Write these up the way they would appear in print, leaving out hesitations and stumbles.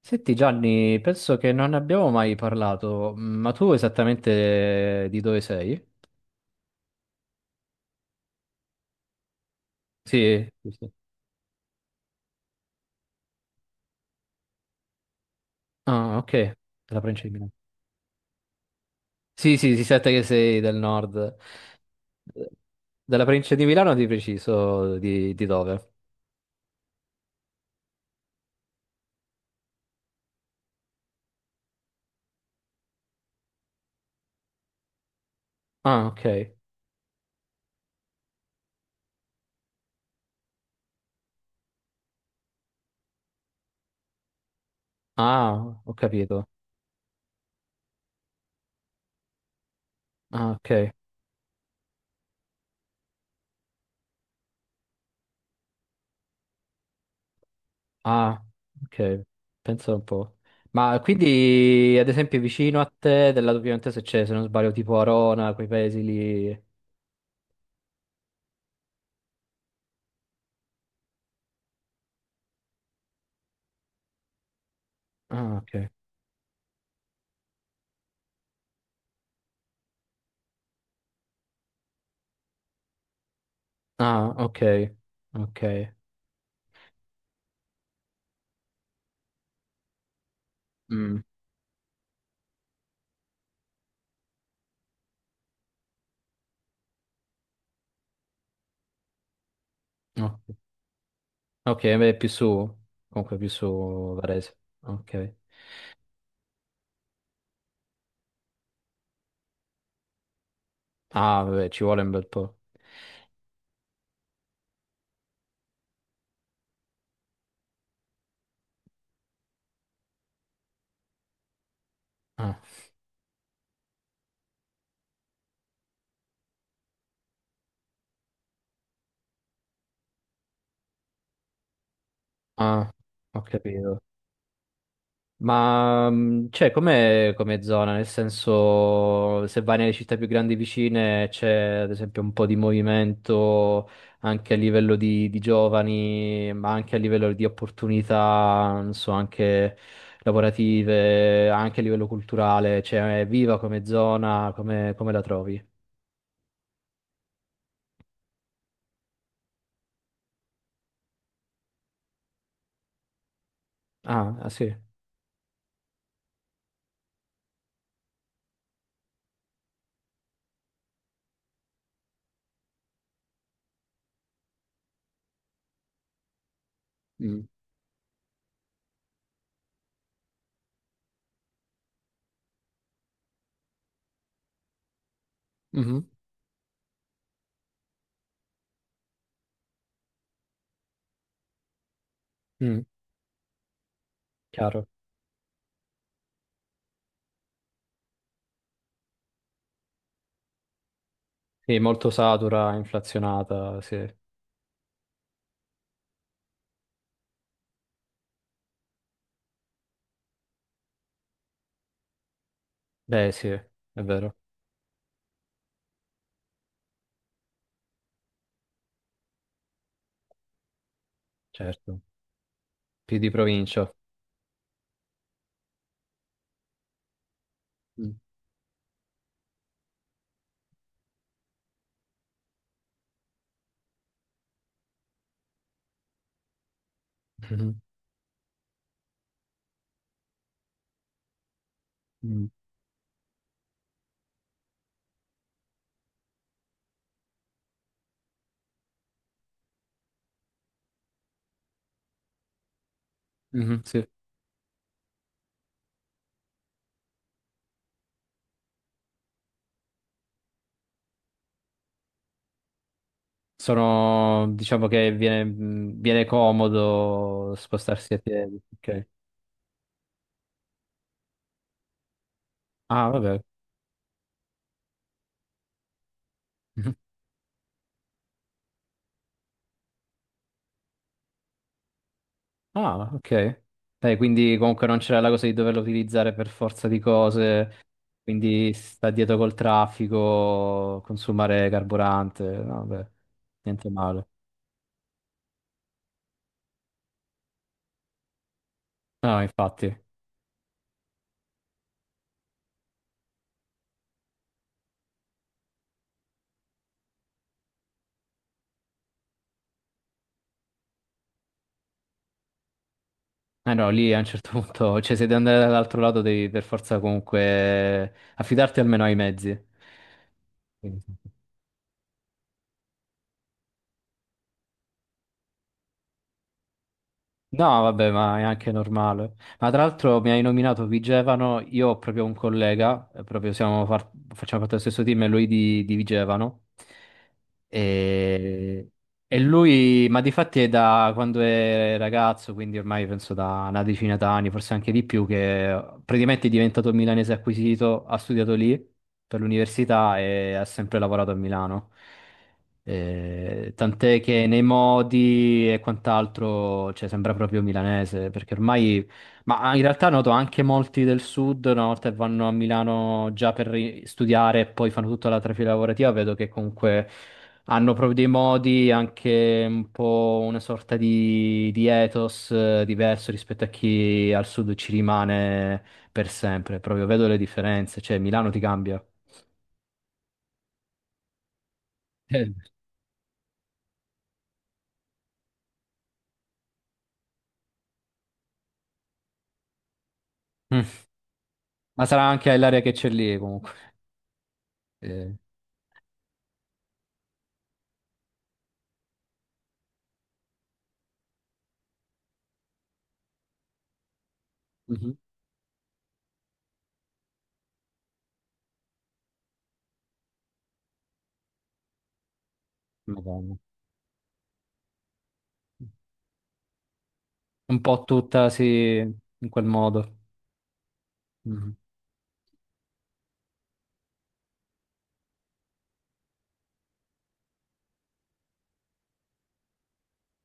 Senti Gianni, penso che non ne abbiamo mai parlato, ma tu esattamente di dove sei? Sì, sì, sì. Ah, ok, della provincia di Milano. Sì, sì, si sente che sei del nord. Della provincia di Milano di preciso, di dove? Ah, ok. Ah, ho capito. Ah, ok. Ah, ok. Penso un po'. Ma quindi, ad esempio, vicino a te, del lato piemontese c'è, se non sbaglio, tipo Arona, quei paesi lì. Ah, ok. Ah, ok, ok. Mm, no. Ok, beh, più su, comunque più su Varese. Ok. Ah, vabbè, ci vuole un bel po'. Ah, ah, ho capito. Ma c'è come come zona, nel senso se vai nelle città più grandi vicine c'è ad esempio un po' di movimento anche a livello di giovani, ma anche a livello di opportunità, non so, anche lavorative, anche a livello culturale, cioè è viva come zona, come, come la trovi? Ah, ah, sì. Mm. Mhm. Mm, chiaro. Sì, molto satura, inflazionata, sì. Beh, sì, è vero, certo, più di provincia. Mm. Mhm. Mm. Mhm, sì. Sono, diciamo che viene, viene comodo spostarsi a piedi. Ok. Ah, vabbè. Mhm. Ah, ok. Dai, quindi comunque non c'era la cosa di doverlo utilizzare per forza di cose, quindi sta dietro col traffico, consumare carburante. No, vabbè, niente male. No, infatti. Eh no, lì a un certo punto, cioè se devi andare dall'altro lato devi per forza comunque affidarti almeno ai mezzi. Quindi, no, vabbè, ma è anche normale. Ma tra l'altro mi hai nominato Vigevano, io ho proprio un collega, proprio facciamo parte dello stesso team, e lui di Vigevano. E... e lui, ma di fatti è da quando è ragazzo, quindi ormai penso da una decina d'anni, forse anche di più, che praticamente è diventato milanese acquisito, ha studiato lì per l'università e ha sempre lavorato a Milano. Tant'è che nei modi e quant'altro, cioè, sembra proprio milanese, perché ormai, ma in realtà noto anche molti del sud, una volta che vanno a Milano già per studiare e poi fanno tutta la trafila lavorativa, vedo che comunque hanno proprio dei modi, anche un po' una sorta di ethos diverso rispetto a chi al sud ci rimane per sempre. Proprio vedo le differenze, cioè Milano ti cambia. Eh. Mm. Ma sarà anche l'area che c'è lì comunque. Eh. Mhm. Madonna. Un po' tutta, sì, in quel modo. Mhm.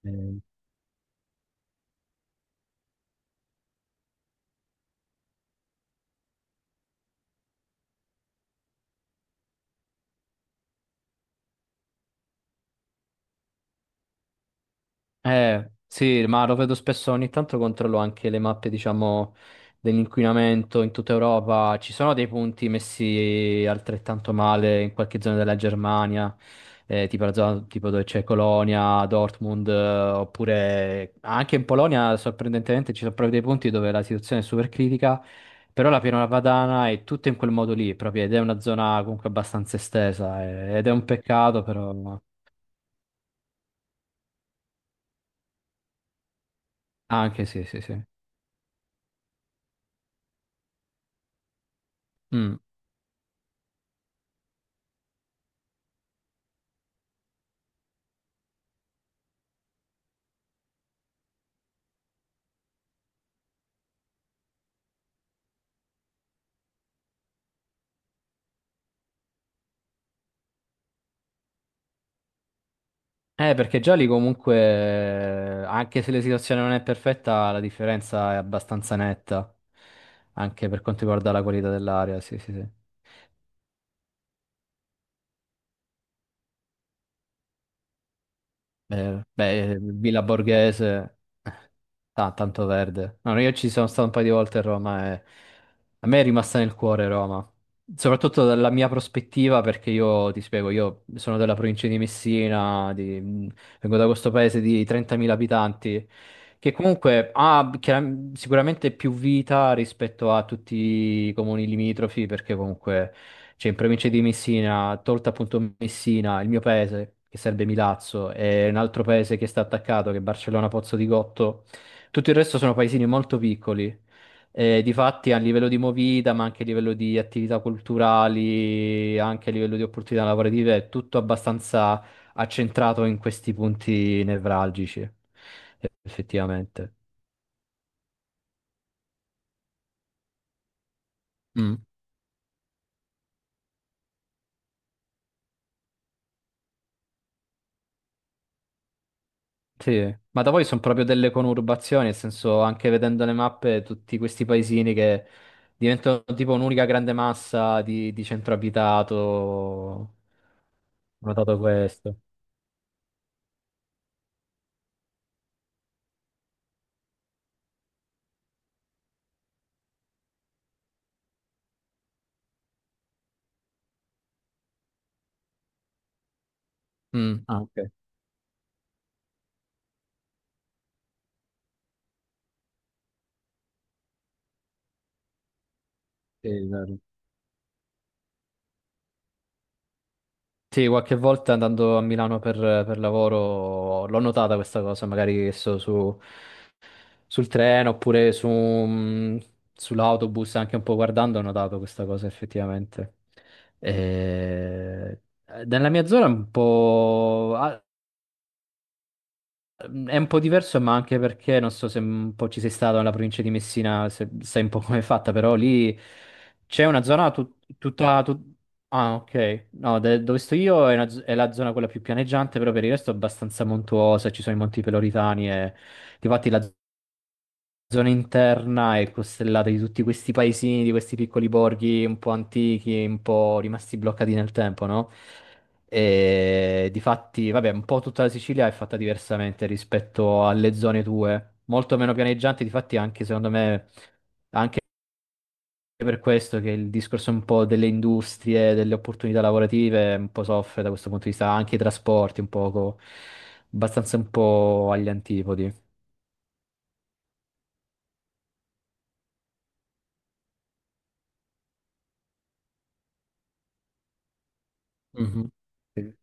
Eh. Sì, ma lo vedo spesso, ogni tanto controllo anche le mappe, diciamo, dell'inquinamento in tutta Europa. Ci sono dei punti messi altrettanto male in qualche zona della Germania, tipo la zona tipo dove c'è Colonia, Dortmund, oppure anche in Polonia, sorprendentemente, ci sono proprio dei punti dove la situazione è super critica, però la Pianura Padana è tutto in quel modo lì, proprio, ed è una zona comunque abbastanza estesa, ed è un peccato, però... Anche sì, sì, sì. Mm. Perché già lì comunque, anche se la situazione non è perfetta, la differenza è abbastanza netta, anche per quanto riguarda la qualità dell'aria, sì, sì, sì. Beh, Villa Borghese, eh, tanto verde. No, no, io ci sono stato un paio di volte a Roma e a me è rimasta nel cuore Roma. Soprattutto dalla mia prospettiva, perché io ti spiego, io sono della provincia di Messina, di- vengo da questo paese di 30.000 abitanti, che comunque ha sicuramente più vita rispetto a tutti i comuni limitrofi, perché comunque cioè in provincia di Messina, tolta appunto Messina, il mio paese, che serve Milazzo, e un altro paese che sta attaccato, che è Barcellona Pozzo di Gotto, tutto il resto sono paesini molto piccoli. E difatti a livello di movida, ma anche a livello di attività culturali, anche a livello di opportunità lavorative, è tutto abbastanza accentrato in questi punti nevralgici, effettivamente. Mm. Sì, ma da voi sono proprio delle conurbazioni, nel senso anche vedendo le mappe, tutti questi paesini che diventano tipo un'unica grande massa di centro abitato. Ho notato questo. Mm. Ah, ok, sì, è vero. Sì, qualche volta andando a Milano per lavoro l'ho notata questa cosa, magari che so, su, sul treno oppure su, sull'autobus, anche un po' guardando, ho notato questa cosa effettivamente. E- nella mia zona è un po'... ah, è un po' diverso, ma anche perché non so se un po' ci sei stato nella provincia di Messina, se sai un po' com'è fatta, però lì c'è una zona tutta... tut- Ah, ok. No, dove sto io è, è la zona quella più pianeggiante, però per il resto è abbastanza montuosa, ci sono i Monti Peloritani e... Difatti la zona interna è costellata di tutti questi paesini, di questi piccoli borghi un po' antichi, un po' rimasti bloccati nel tempo, no? E difatti, vabbè, un po' tutta la Sicilia è fatta diversamente rispetto alle zone tue, molto meno pianeggianti, difatti anche secondo me è per questo che il discorso un po' delle industrie, delle opportunità lavorative un po' soffre da questo punto di vista, anche i trasporti un poco, abbastanza un po' agli antipodi. Mhm. Sì.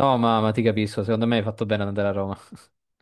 No, ma ti capisco, secondo me hai fatto bene ad andare a Roma.